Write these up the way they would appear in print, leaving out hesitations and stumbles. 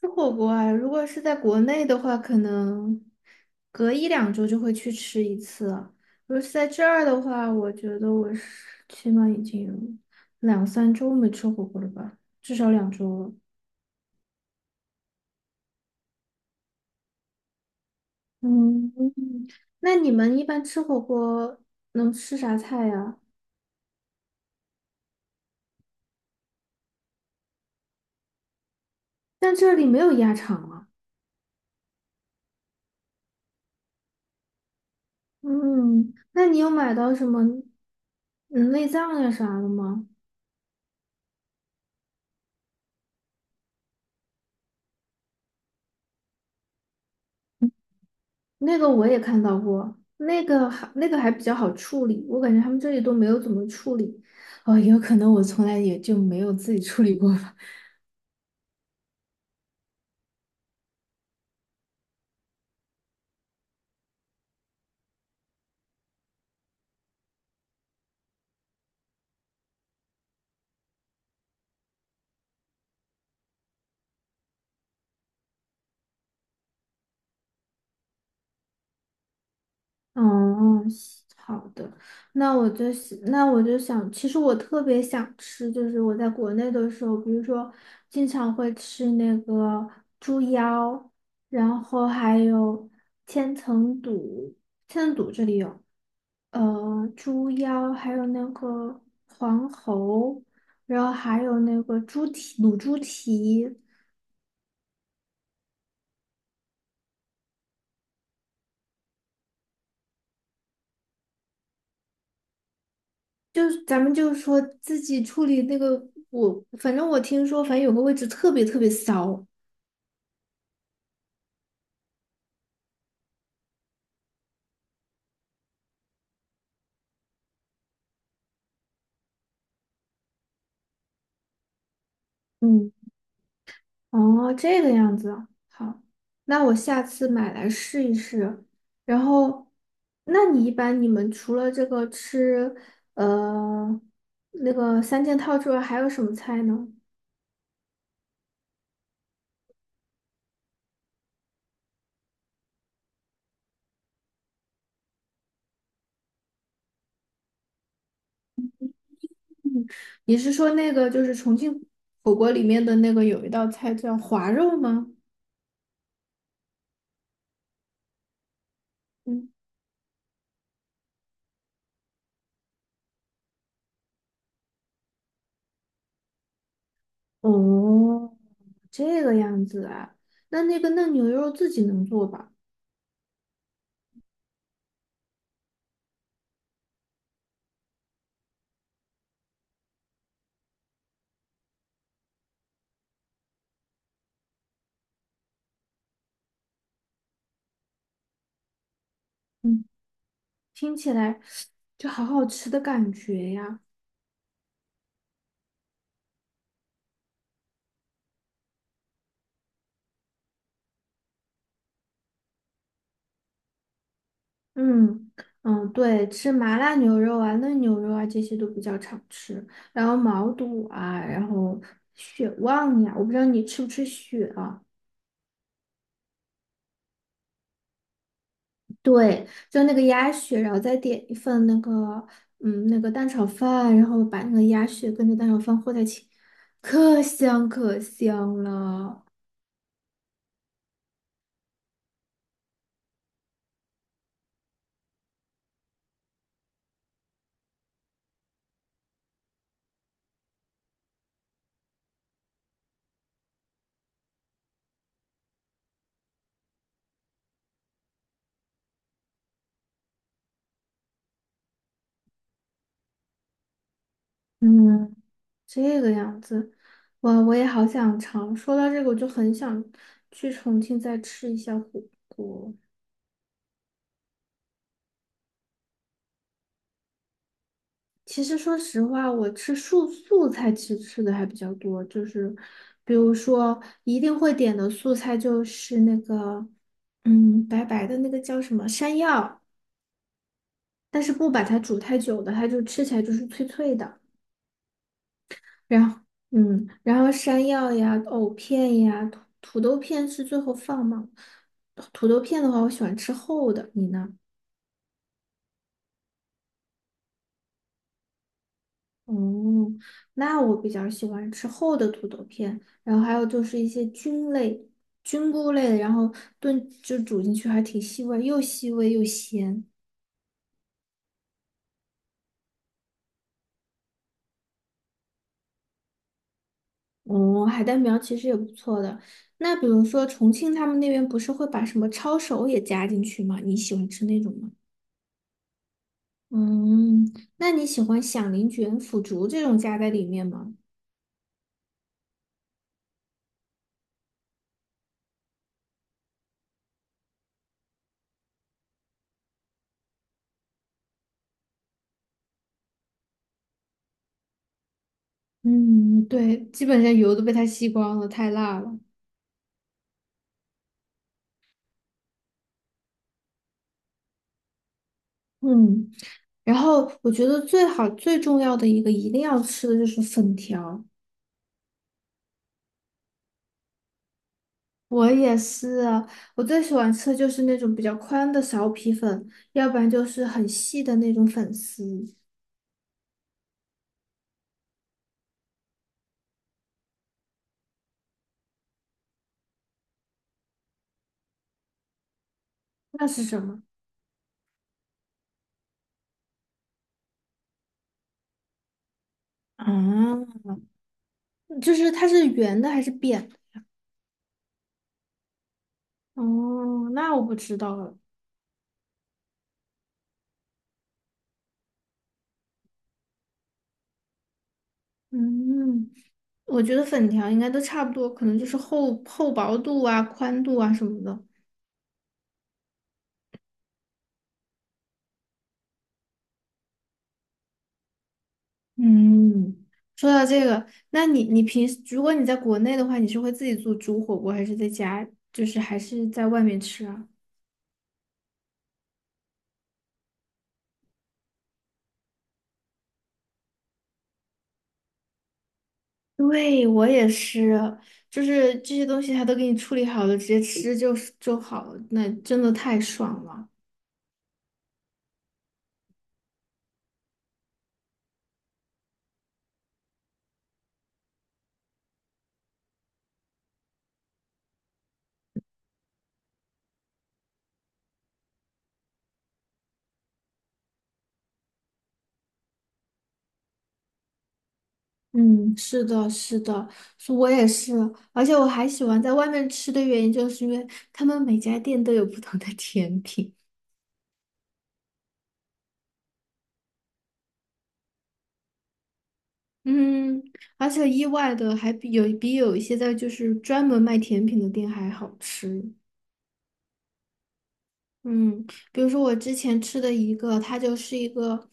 吃火锅啊，如果是在国内的话，可能隔一两周就会去吃一次。如果是在这儿的话，我觉得我是起码已经有两三周没吃火锅了吧，至少两周了。嗯，那你们一般吃火锅能吃啥菜呀？但这里没有鸭肠啊。嗯，那你有买到什么嗯内脏呀啥的吗？那个我也看到过，那个还比较好处理，我感觉他们这里都没有怎么处理。哦，有可能我从来也就没有自己处理过吧。哦，西好的，那我就想，其实我特别想吃，就是我在国内的时候，比如说经常会吃那个猪腰，然后还有千层肚，千层肚这里有。猪腰，还有那个黄喉，然后还有那个猪蹄、卤猪蹄，咱们就是说自己处理那个，反正我听说，反正有个位置特别特别骚。嗯，哦，这个样子啊，好，那我下次买来试一试。然后，那你一般你们除了这个吃，呃，那个三件套之外，还有什么菜呢？你是说那个就是重庆火锅里面的那个有一道菜叫滑肉吗？嗯，哦，这个样子啊，那那个嫩牛肉自己能做吧？嗯，听起来就好好吃的感觉呀。嗯嗯，对，吃麻辣牛肉啊、嫩牛肉啊这些都比较常吃，然后毛肚啊，然后血旺呀，我不知道你吃不吃血啊。对，就那个鸭血，然后再点一份那个，嗯，那个蛋炒饭，然后把那个鸭血跟着蛋炒饭和在一起，可香可香了。嗯，这个样子，哇，我也好想尝。说到这个，我就很想去重庆再吃一下火锅。其实说实话，我吃素菜其实吃的还比较多，就是比如说一定会点的素菜就是那个，嗯，白白的那个叫什么山药。但是不把它煮太久的，它就吃起来就是脆脆的。然后，嗯，然后山药呀、藕片呀、土豆片是最后放吗？土豆片的话，我喜欢吃厚的，你呢？哦，那我比较喜欢吃厚的土豆片，然后还有就是一些菌类、菌菇类的，然后煮进去还挺吸味，又吸味又咸。哦，海带苗其实也不错的。那比如说重庆他们那边不是会把什么抄手也加进去吗？你喜欢吃那种吗？嗯，那你喜欢响铃卷、腐竹这种加在里面吗？嗯，对，基本上油都被它吸光了，太辣了。嗯，然后我觉得最好最重要的一个一定要吃的就是粉条。我也是啊，我最喜欢吃的就是那种比较宽的苕皮粉，要不然就是很细的那种粉丝。那是什么？啊，就是它是圆的还是扁的？哦，那我不知道了。嗯，我觉得粉条应该都差不多，可能就是厚薄度啊、宽度啊什么的。嗯，说到这个，那你平时如果你在国内的话，你是会自己做煮火锅，还是在家，就是还是在外面吃啊？对，我也是，就是这些东西他都给你处理好了，直接吃就好了，那真的太爽了。嗯，是的，是的，是我也是，而且我还喜欢在外面吃的原因，就是因为他们每家店都有不同的甜品，嗯，而且意外的还比有一些在就是专门卖甜品的店还好吃。嗯，比如说我之前吃的一个，它就是一个，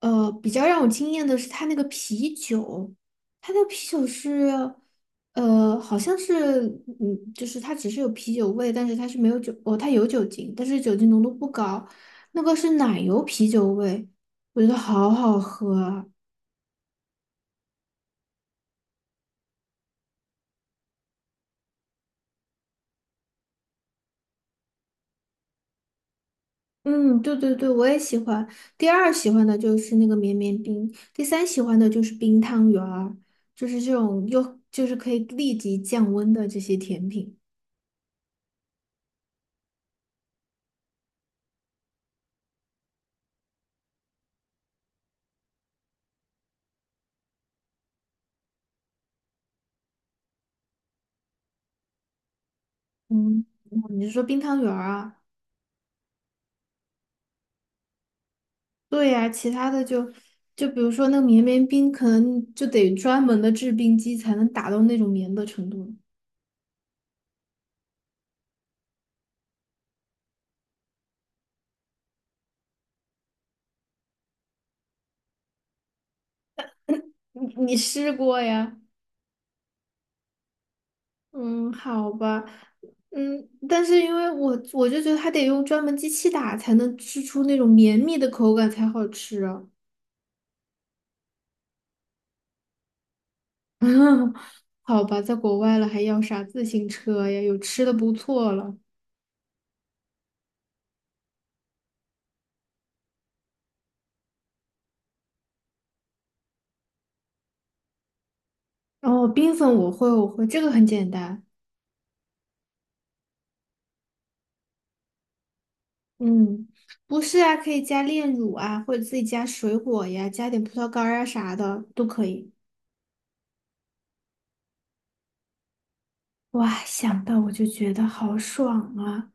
比较让我惊艳的是它那个啤酒，它那个啤酒是，好像是，嗯，就是它只是有啤酒味，但是它是没有酒，哦，它有酒精，但是酒精浓度不高，那个是奶油啤酒味，我觉得好好喝啊。嗯，对对对我也喜欢。第二喜欢的就是那个绵绵冰，第三喜欢的就是冰汤圆儿，就是这种又就是可以立即降温的这些甜品。嗯，哦你是说冰汤圆儿啊？对呀，其他的就就比如说那个绵绵冰，可能就得专门的制冰机才能达到那种绵的程度。你试过呀？嗯，好吧，嗯，但是因为我就觉得它得用专门机器打才能吃出那种绵密的口感才好吃啊。好吧，在国外了还要啥自行车呀？有吃的不错了。然后冰粉我会，我会，这个很简单。嗯，不是啊，可以加炼乳啊，或者自己加水果呀，加点葡萄干儿啊啥的都可以。哇，想到我就觉得好爽啊！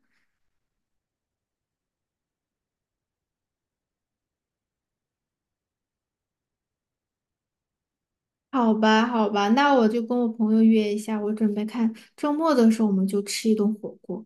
好吧，好吧，那我就跟我朋友约一下，我准备看周末的时候我们就吃一顿火锅。